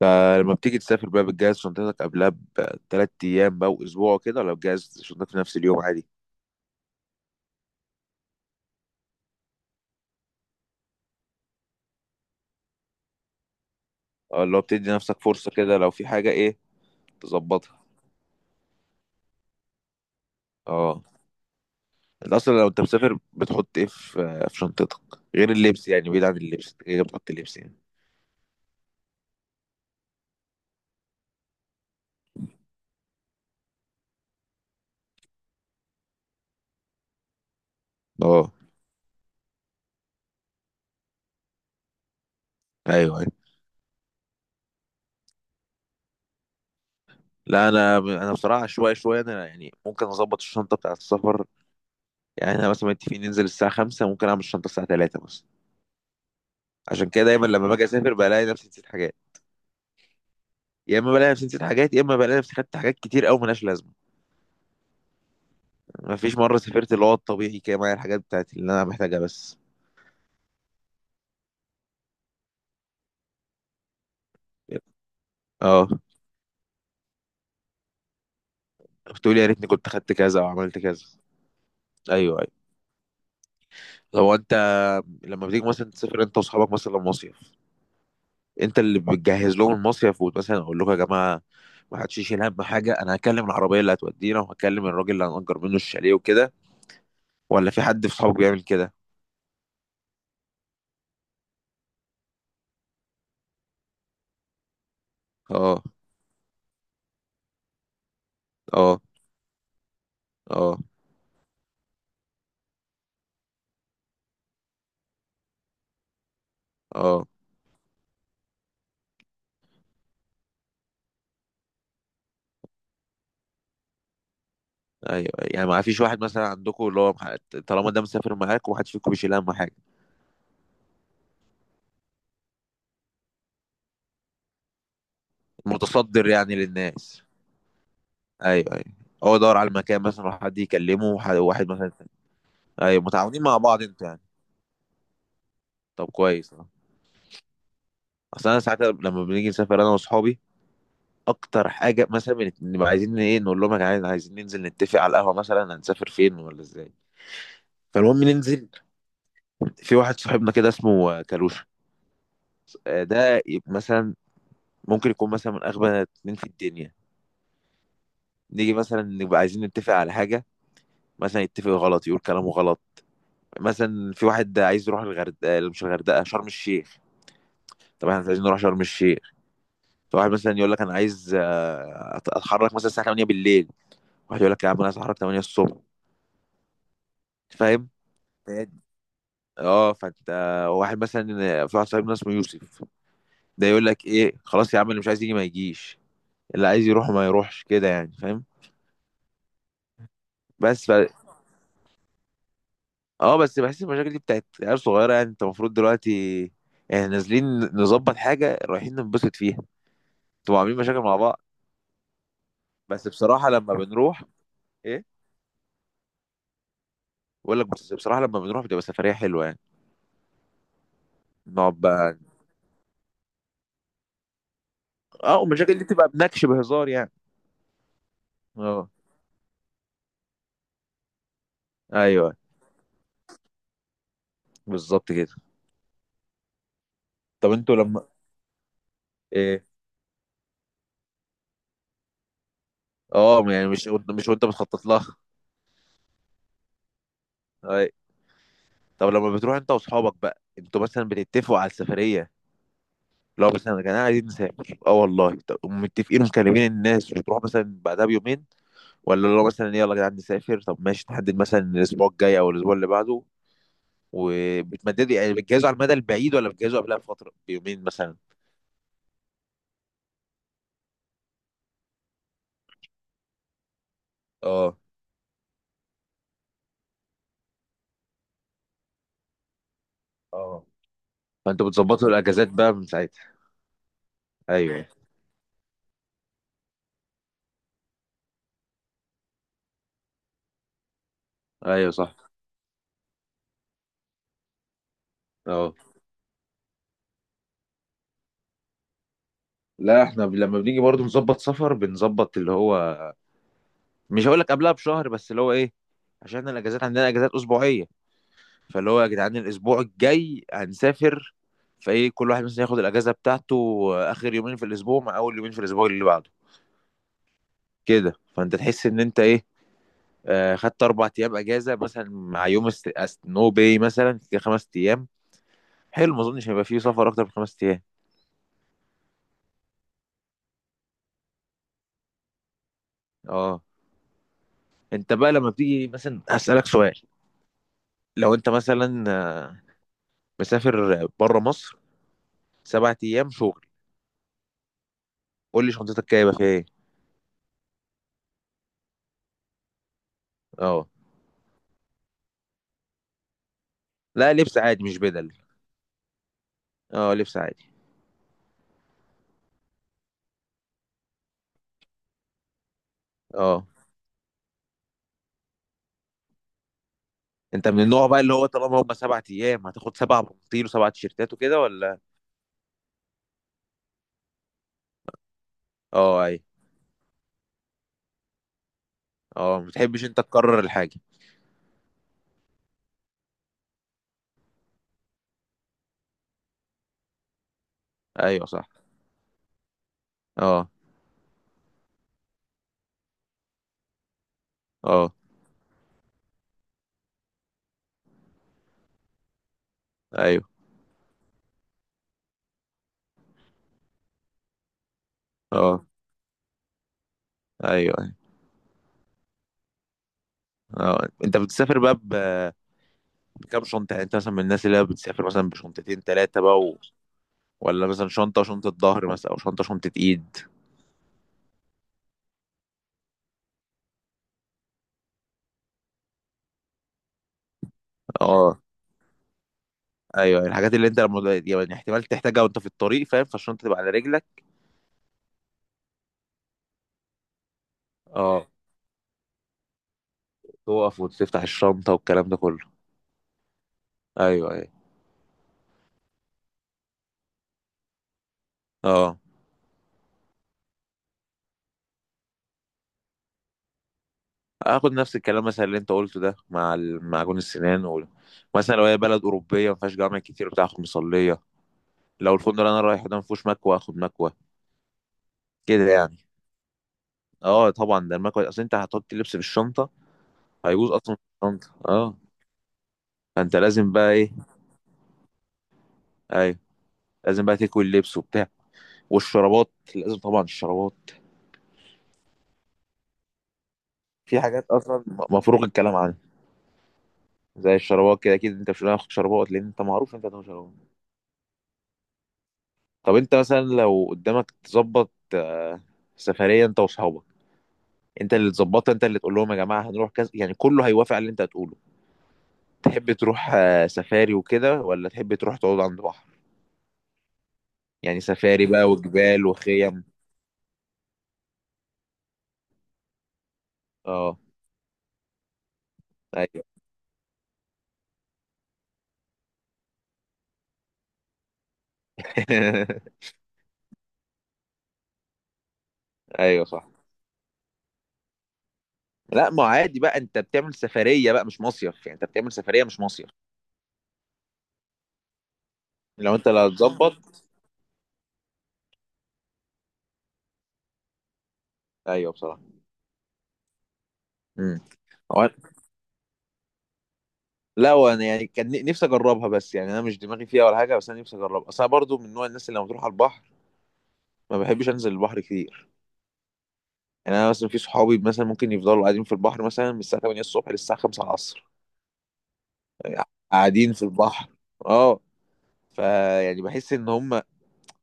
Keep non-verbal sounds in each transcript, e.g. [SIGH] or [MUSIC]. فلما بتيجي تسافر بقى بتجهز شنطتك قبلها بثلاث ايام بقى واسبوع كده، ولا بتجهز شنطتك في نفس اليوم عادي؟ اه، اللي هو بتدي نفسك فرصة كده لو في حاجة ايه تظبطها. اه، انت اصلا لو انت مسافر بتحط ايه في شنطتك غير اللبس؟ يعني بعيد عن اللبس انت كده كده بتحط اللبس يعني. اه. ايوه ايوه. لا، انا بصراحه شويه شويه انا يعني ممكن اظبط الشنطه بتاعه السفر، يعني احنا مثلا متفقين ننزل الساعه 5 ممكن اعمل الشنطه الساعه 3 بس. عشان كده دايما لما باجي اسافر بلاقي نفسي نسيت حاجات، يا اما بلاقي نفسي نسيت حاجات يا اما بلاقي نفسي خدت حاجات كتير قوي ملهاش لازمه. ما فيش مره سافرت اللي هو الطبيعي كده معايا الحاجات بتاعتي اللي انا محتاجها بس. اه. بتقول يا ريتني كنت خدت كذا او عملت كذا. ايوه ايوه. هو انت لما بتيجي مثلا تسافر انت واصحابك مثلا مصيف، انت اللي بتجهز لهم المصيف، ومثلا اقول لكم يا جماعه ما حدش يشيل هم حاجه، انا هكلم العربيه اللي هتودينا وهكلم الراجل اللي هنأجر منه الشاليه وكده، ولا في حد في صحابك بيعمل كده؟ اه، اه، اه، اه. ايوه، أيوة. يعني ما فيش واحد مثلا عندكم اللي هو طالما ده مسافر معاك وواحد فيكم بيشيل اهم حاجه، متصدر يعني للناس؟ ايوه ايوه. هو يدور على المكان مثلا وحد يكلمه وواحد مثلا. ايوه، متعاونين مع بعض انتوا يعني. طب كويس اه. اصل انا ساعات لما بنيجي نسافر انا واصحابي اكتر حاجه مثلا بنبقى عايزين ايه، نقول لهم يا جدعان عايزين ننزل نتفق على القهوه مثلا هنسافر فين ولا ازاي. فالمهم ننزل. في واحد صاحبنا كده اسمه كالوشة. ده مثلا ممكن يكون مثلا من اغبى اتنين في الدنيا. نيجي مثلا نبقى عايزين نتفق على حاجة، مثلا يتفق غلط يقول كلامه غلط، مثلا في واحد عايز يروح الغردقة مش الغردقة شرم الشيخ. طب احنا مش عايزين نروح شرم الشيخ. فواحد مثلا يقول لك انا عايز اتحرك مثلا الساعة 8 بالليل، واحد يقول لك يا عم انا عايز اتحرك 8 الصبح، فاهم؟ اه، فانت. واحد مثلا في واحد صاحبنا اسمه يوسف، ده يقول لك ايه خلاص يا عم اللي مش عايز يجي ما يجيش اللي عايز يروح ما يروحش، كده يعني فاهم. بس. اه، بس بحس المشاكل دي بتاعت عيال صغيره، يعني انت المفروض دلوقتي يعني نازلين نظبط حاجه رايحين ننبسط فيها، انتوا عاملين مشاكل مع بعض. بس بصراحه لما بنروح ايه، بقول لك بس بصراحه لما بنروح بتبقى سفريه حلوه يعني. نقعد بقى. اه، والمشاكل دي بتبقى بنكش بهزار يعني. اه، ايوه بالظبط كده. طب انتوا لما ايه، اه يعني مش وانت بتخطط لها اي. طب لما بتروح انت واصحابك بقى انتوا مثلا بتتفقوا على السفريه، لو مثلا يا جماعه عايزين نسافر اه والله، طب متفقين ومكلمين الناس وتروح مثلا بعدها بيومين، ولا لو مثلا يلا يا جدعان نسافر طب ماشي تحدد مثلا الاسبوع الجاي او الاسبوع اللي بعده، وبتمددوا يعني بتجهزوا على المدى البعيد ولا بتجهزوا قبلها بفتره بيومين مثلا؟ اه اه، فانتوا بتظبطوا الاجازات بقى من ساعتها. ايوه ايوه صح اه. لا احنا لما بنيجي برضو نظبط سفر بنظبط اللي هو مش هقول لك قبلها بشهر بس اللي هو ايه، عشان احنا الاجازات عندنا اجازات اسبوعيه. فاللي هو يا جدعان الاسبوع الجاي هنسافر، فايه كل واحد مثلا ياخد الاجازه بتاعته اخر يومين في الاسبوع مع اول يومين في الاسبوع اللي بعده كده، فانت تحس ان انت ايه خدت 4 ايام اجازه مثلا مع يوم نو باي مثلا كده 5 ايام، حلو ما اظنش هيبقى فيه سفر اكتر من 5 ايام. اه، انت بقى لما بتيجي مثلا هسألك سؤال. لو انت مثلا مسافر بره مصر 7 ايام شغل قول لي شنطتك جايبه فيها ايه. اه. لا، لبس عادي مش بدل. اه لبس عادي. اه، انت من النوع بقى اللي هو طالما هم 7 ايام هتاخد 7 بناطيل وسبع تيشيرتات وكده ولا؟ اه اي، اه ما بتحبش انت تكرر الحاجه. ايوه صح. اه. اه ايوه اه. ايوه ايوه. اه، انت بتسافر بقى بكام شنطه؟ يعني انت مثلا من الناس اللي هي بتسافر مثلا بشنطتين ثلاثه بقى و... ولا مثلا شنطه ظهر مثلا، او شنطه ايد؟ اه، ايوه ايوه. الحاجات اللي انت لما يعني احتمال تحتاجها وانت في الطريق فاهم، فالشنطه تبقى على رجلك. اه، تقف وتفتح الشنطه والكلام ده كله. ايوه ايوه اه. اخد نفس الكلام مثلا اللي انت قلته ده مع معجون السنان و... مثلا لو هي بلد اوروبيه ما فيهاش جامع كتير بتاع اخد مصليه، لو الفندق اللي انا رايحه ده ما فيهوش مكوه اخد مكوه، كده يعني. اه طبعا ده المكوه، اصل انت هتحط اللبس في الشنطه هيبوظ اصلا في الشنطه اه. فانت لازم بقى ايه. ايوه، لازم بقى تكوي اللبس وبتاع، والشرابات لازم، طبعا الشرابات. في حاجات اصلا مفروغ الكلام عنها زي الشرابات، كده اكيد انت مش هتاخد شرابات لان انت معروف انت هتاخد شرابات. طب انت مثلا لو قدامك تظبط سفرية انت واصحابك، انت اللي تظبطها انت اللي تقول لهم يا جماعة هنروح كذا يعني كله هيوافق على اللي انت هتقوله. تحب تروح سفاري وكده ولا تحب تروح تقعد عند بحر؟ يعني سفاري بقى وجبال وخيم. اه ايوه [LAUGHS] ايوه صح. لا، ما عادي بقى انت بتعمل سفرية بقى مش مصيف، يعني انت بتعمل سفرية مش مصيف. لو انت اللي هتظبط. ايوه بصراحة. امم. لا، وانا يعني كان نفسي اجربها، بس يعني انا مش دماغي فيها ولا حاجه، بس انا نفسي اجربها اصل انا برضو من نوع الناس اللي لما تروح على البحر ما بحبش انزل البحر كتير. يعني انا مثلا في صحابي مثلا ممكن يفضلوا قاعدين في البحر مثلا من الساعه 8 الصبح للساعه 5 العصر، يعني قاعدين في البحر اه. فيعني بحس ان هم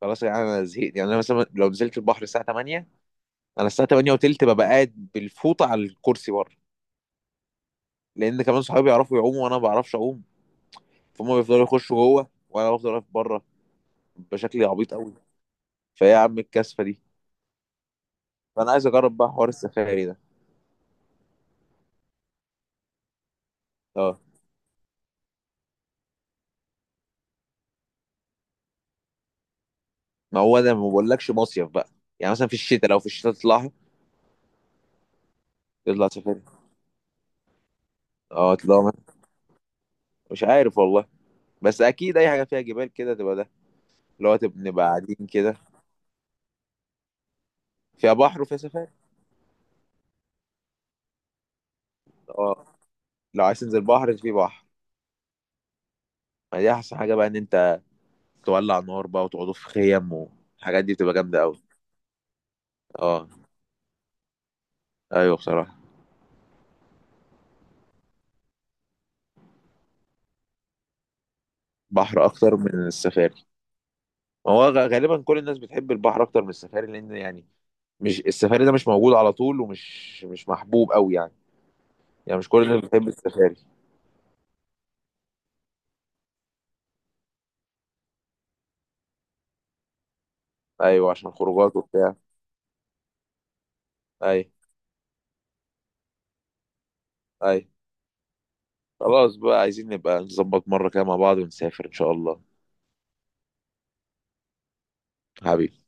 خلاص، يعني انا زهقت، يعني انا مثلا لو نزلت البحر الساعه 8 انا الساعه 8 وتلت ببقى قاعد بالفوطه على الكرسي بره، لان كمان صحابي يعرفوا يعوموا وانا ما بعرفش اعوم. فهم بيفضلوا يخشوا جوه وانا بفضل واقف بره بشكل عبيط قوي. فيا عم الكاسفه دي. فانا عايز اجرب بقى حوار السفاري ده اه. ما هو ده ما بقولكش مصيف بقى، يعني مثلا في الشتاء لو في الشتاء تطلعها، تطلع سفاري. اه تطلع مثلا مش عارف والله، بس اكيد اي حاجه فيها جبال كده تبقى ده اللي هو نبقى قاعدين كده فيها بحر وفيها سفاري اه. لو عايز تنزل بحر في بحر، ما دي احسن حاجه بقى ان انت تولع نار بقى وتقعدوا في خيم والحاجات دي بتبقى جامده قوي اه ايوه بصراحه. بحر اكتر من السفاري. ما هو غالبا كل الناس بتحب البحر اكتر من السفاري لان يعني مش السفاري ده مش موجود على طول، ومش مش محبوب قوي يعني. يعني مش كل الناس بتحب السفاري. ايوه عشان خروجات وبتاع اي اي. خلاص بقى، عايزين نبقى نظبط مرة كده مع بعض ونسافر ان شاء الله. حبيبي.